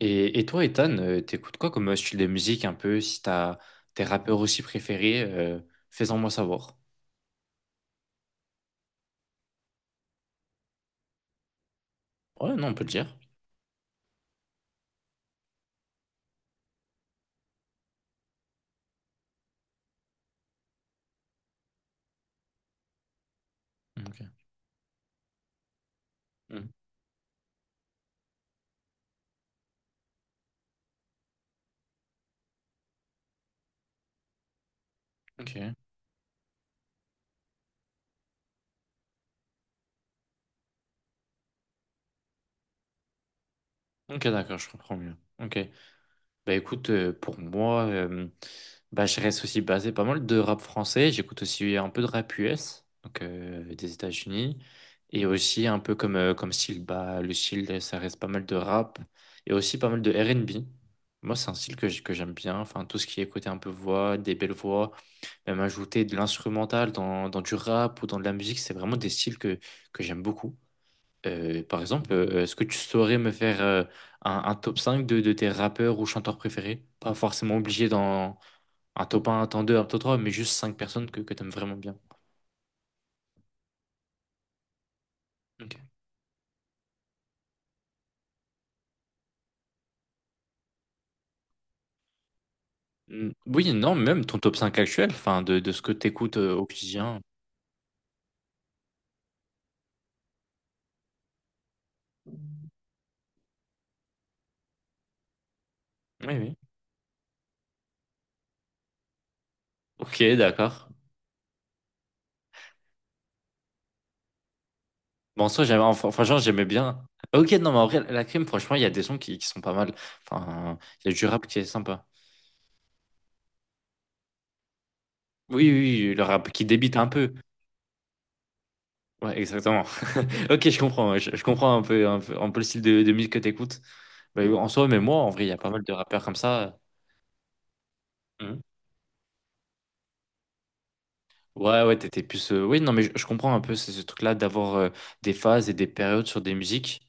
Et toi, Ethan, t'écoutes quoi comme style de musique un peu? Si t'as tes rappeurs aussi préférés, fais-en moi savoir. Ouais, non, on peut le dire. Ok. Mm. Ok. Ok, d'accord, je comprends mieux. Ok. Bah écoute, pour moi, bah, je reste aussi basé pas mal de rap français. J'écoute aussi un peu de rap US, donc des États-Unis. Et aussi un peu comme, comme style, bah, le style, ça reste pas mal de rap. Et aussi pas mal de R&B. Moi, c'est un style que j'aime bien. Enfin, tout ce qui est côté un peu voix, des belles voix, même ajouter de l'instrumental dans du rap ou dans de la musique, c'est vraiment des styles que j'aime beaucoup. Par exemple, est-ce que tu saurais me faire un top 5 de tes rappeurs ou chanteurs préférés? Pas forcément obligé dans un top 2, un top 3, mais juste 5 personnes que tu aimes vraiment bien. Ok. Mm, oui, non, même ton top 5 actuel, enfin, de ce que tu écoutes au quotidien. Oui, oui. Ok, d'accord. Bon, ça, j'aimais, enfin, franchement, j'aimais bien. Ok, non, mais en vrai, la crime, franchement, il y a des sons qui sont pas mal. Enfin, il y a du rap qui est sympa. Oui, oui, oui, le rap qui débite un peu. Ouais, exactement. Ok, je comprends. Ouais, je comprends un peu, un peu, un peu le style de musique que t'écoutes. Bah, en soi, même moi, en vrai, il y a pas mal de rappeurs comme ça. Mhm. Ouais, ouais, t'étais plus. Oui, non, mais je comprends un peu ce truc-là d'avoir des phases et des périodes sur des musiques.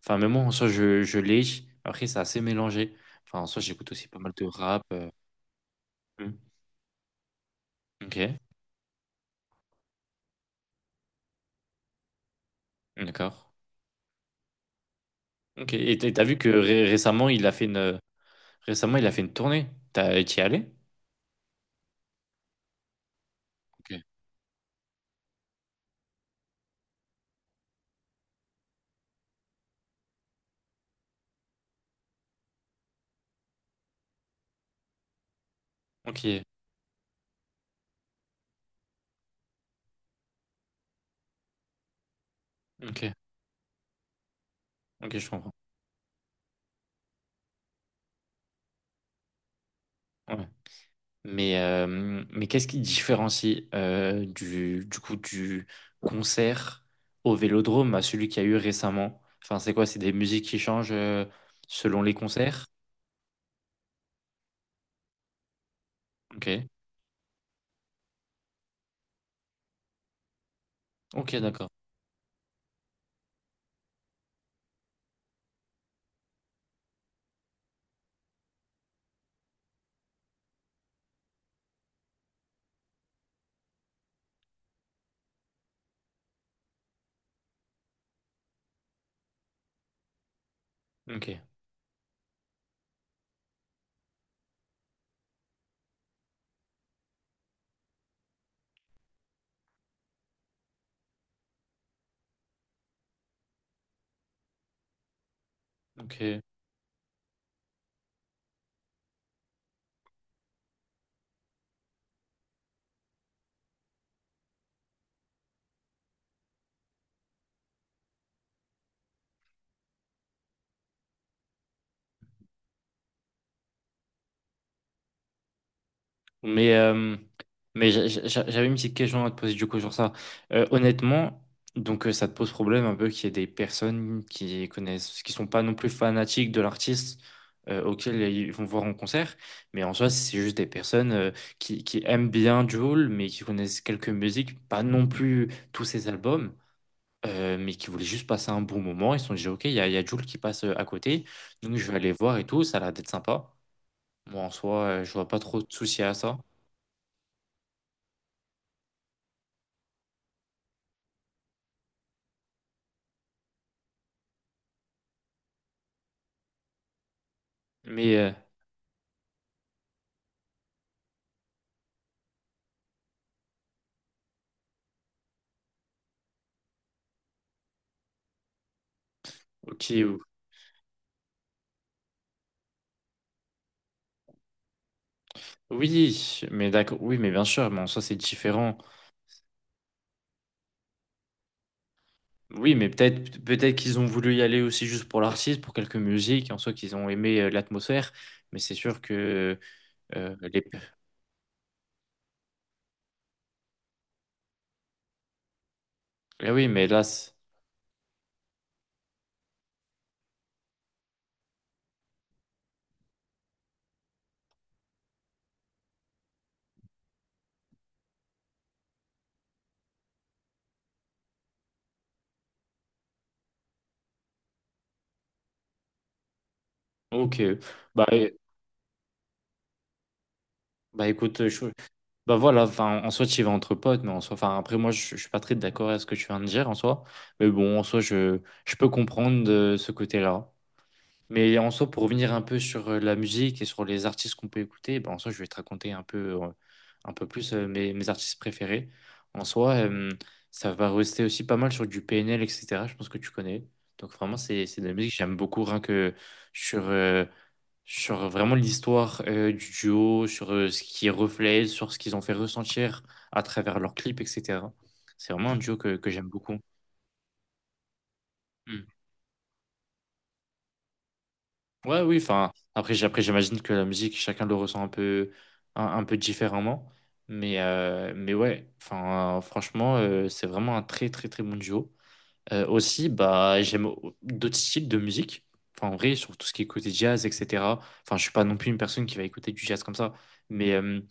Enfin, même moi, en soi, je l'ai. Après, c'est assez mélangé. Enfin, en soi, j'écoute aussi pas mal de rap. Mhm. Ok, d'accord. Ok, et t'as vu que récemment, il a fait une, récemment, il a fait une tournée. T'as, t'y es allé? Ok, ok, ok, ok, je comprends. Ouais. Mais qu'est-ce qui différencie du coup du concert au Vélodrome à celui qu'il y a eu récemment? Enfin, c'est quoi? C'est des musiques qui changent selon les concerts? Ok. Ok, d'accord. Ok. Ok. Mais, euh, mais j'avais une petite question à te poser du coup sur ça. Honnêtement, donc ça te pose problème un peu qu'il y ait des personnes qui connaissent, qui sont pas non plus fanatiques de l'artiste auquel ils vont voir en concert, mais en soi c'est juste des personnes qui aiment bien Jul, mais qui connaissent quelques musiques, pas non plus tous ses albums. Mais qui voulaient juste passer un bon moment, ils se sont dit ok, il y a Jul qui passe à côté, donc je vais aller voir et tout, ça a l'air d'être sympa. Moi en soi, je vois pas trop de soucis à ça. Mais, euh, Ok, oui, mais d'accord, oui, mais bien sûr, mais en soi c'est différent. Oui, mais peut-être peut-être qu'ils ont voulu y aller aussi juste pour l'artiste, pour quelques musiques, en soi qu'ils ont aimé l'atmosphère, mais c'est sûr que les... Ah oui, mais là, ok, bah, bah écoute, bah voilà, enfin, en soi tu y vas entre potes, mais en soi, enfin après moi je suis pas très d'accord à ce que tu viens de dire en soi, mais bon, en soi je peux comprendre ce côté-là. Mais en soi, pour revenir un peu sur la musique et sur les artistes qu'on peut écouter, ben, en soi, je vais te raconter un peu plus mes artistes préférés. En soi, ça va rester aussi pas mal sur du PNL, etc. Je pense que tu connais. Donc vraiment, c'est de la musique que j'aime beaucoup, rien que sur, euh, sur vraiment l'histoire du duo, sur ce qui reflète, sur ce qu'ils ont fait ressentir à travers leurs clips, etc. C'est vraiment un duo que j'aime beaucoup. Hmm. Ouais, oui, enfin, après, après j'imagine que la musique, chacun le ressent un peu différemment. Mais ouais, enfin, franchement, c'est vraiment un très, très, très bon duo. Aussi, bah, j'aime d'autres styles de musique. Enfin, en vrai, sur tout ce qui est côté jazz, etc. Enfin, je suis pas non plus une personne qui va écouter du jazz comme ça. Mais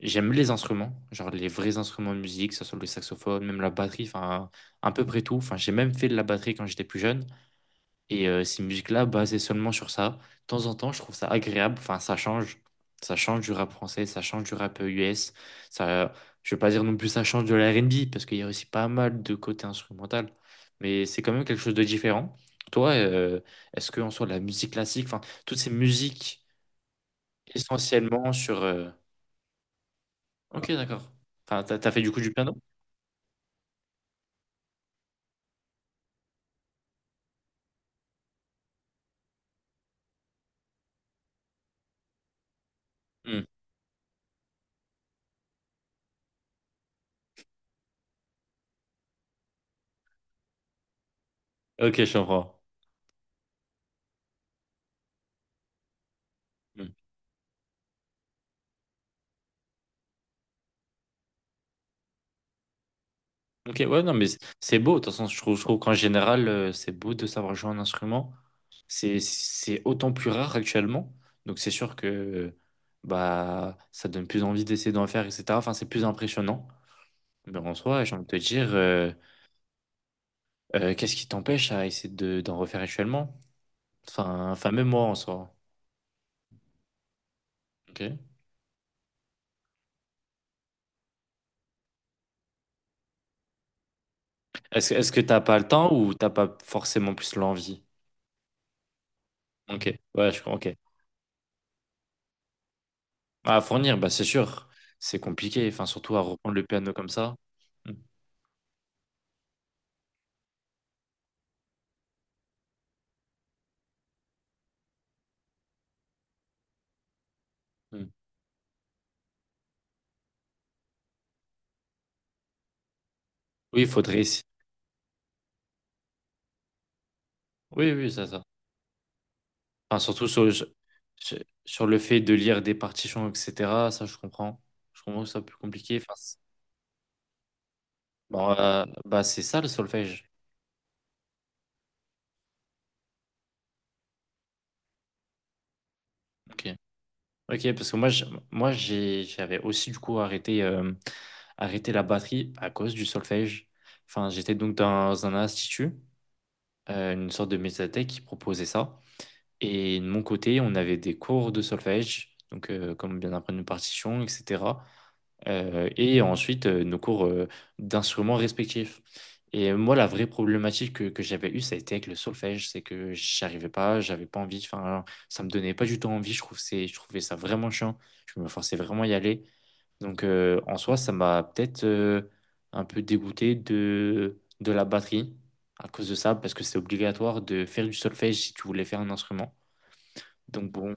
j'aime les instruments, genre les vrais instruments de musique, que ce soit le saxophone, même la batterie, enfin, à peu près tout. Enfin, j'ai même fait de la batterie quand j'étais plus jeune. Et ces musiques-là, basées seulement sur ça, de temps en temps, je trouve ça agréable. Enfin, ça change. Ça change du rap français, ça change du rap US. Ça, je ne veux pas dire non plus ça change de la R&B, parce qu'il y a aussi pas mal de côté instrumental. Mais c'est quand même quelque chose de différent. Toi, est-ce qu'en soit la musique classique, enfin, toutes ces musiques essentiellement sur... Ok, d'accord. Enfin, t'as fait du coup du piano? Hmm. Ok, je comprends. Hmm. Ok, ouais, non, mais c'est beau. De toute façon, je trouve qu'en général, c'est beau de savoir jouer un instrument. C'est autant plus rare actuellement. Donc c'est sûr que bah ça donne plus envie d'essayer d'en faire, etc. Enfin, c'est plus impressionnant. Mais en soi, j'ai envie de te dire, qu'est-ce qui t'empêche à essayer d'en refaire actuellement? Enfin, même moi en soi. Ok. Est-ce que t'as pas le temps ou t'as pas forcément plus l'envie? Ok. Ouais, je crois. Ok. À fournir, bah c'est sûr. C'est compliqué. Enfin, surtout à reprendre le piano comme ça. Mm, mm. Oui, il faudrait essayer. Oui, oui, ça, ça. Enfin, surtout sur le fait de lire des partitions, etc. Ça, je comprends. Je comprends que ça soit plus compliqué. Enfin, bon, bah, c'est ça le solfège. Ok. Ok, parce que moi, moi, j'avais aussi du coup arrêté, arrêté la batterie à cause du solfège. Enfin, j'étais donc dans un institut, une sorte de médiathèque qui proposait ça. Et de mon côté, on avait des cours de solfège, donc comme bien apprendre une partition, etc. Et ensuite, nos cours d'instruments respectifs. Et moi, la vraie problématique que j'avais eue, ça a été avec le solfège, c'est que j'arrivais pas, j'avais pas envie, enfin, ça me donnait pas du tout envie, je trouvais ça vraiment chiant, je me forçais vraiment à y aller. Donc, en soi, ça m'a peut-être un peu dégoûté de la batterie à cause de ça, parce que c'est obligatoire de faire du solfège si tu voulais faire un instrument. Donc bon,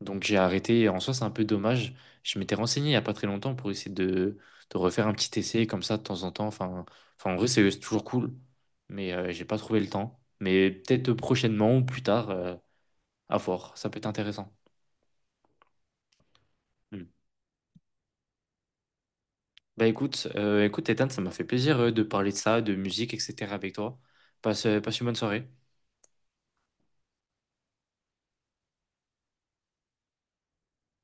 donc j'ai arrêté. Et en soi, c'est un peu dommage. Je m'étais renseigné il n'y a pas très longtemps pour essayer de refaire un petit essai comme ça de temps en temps. Enfin en vrai, c'est toujours cool. Mais j'ai pas trouvé le temps. Mais peut-être prochainement ou plus tard, à voir. Ça peut être intéressant. Hmm. Bah écoute, Ethan, ça m'a fait plaisir de parler de ça, de musique, etc. avec toi. Passe une bonne soirée.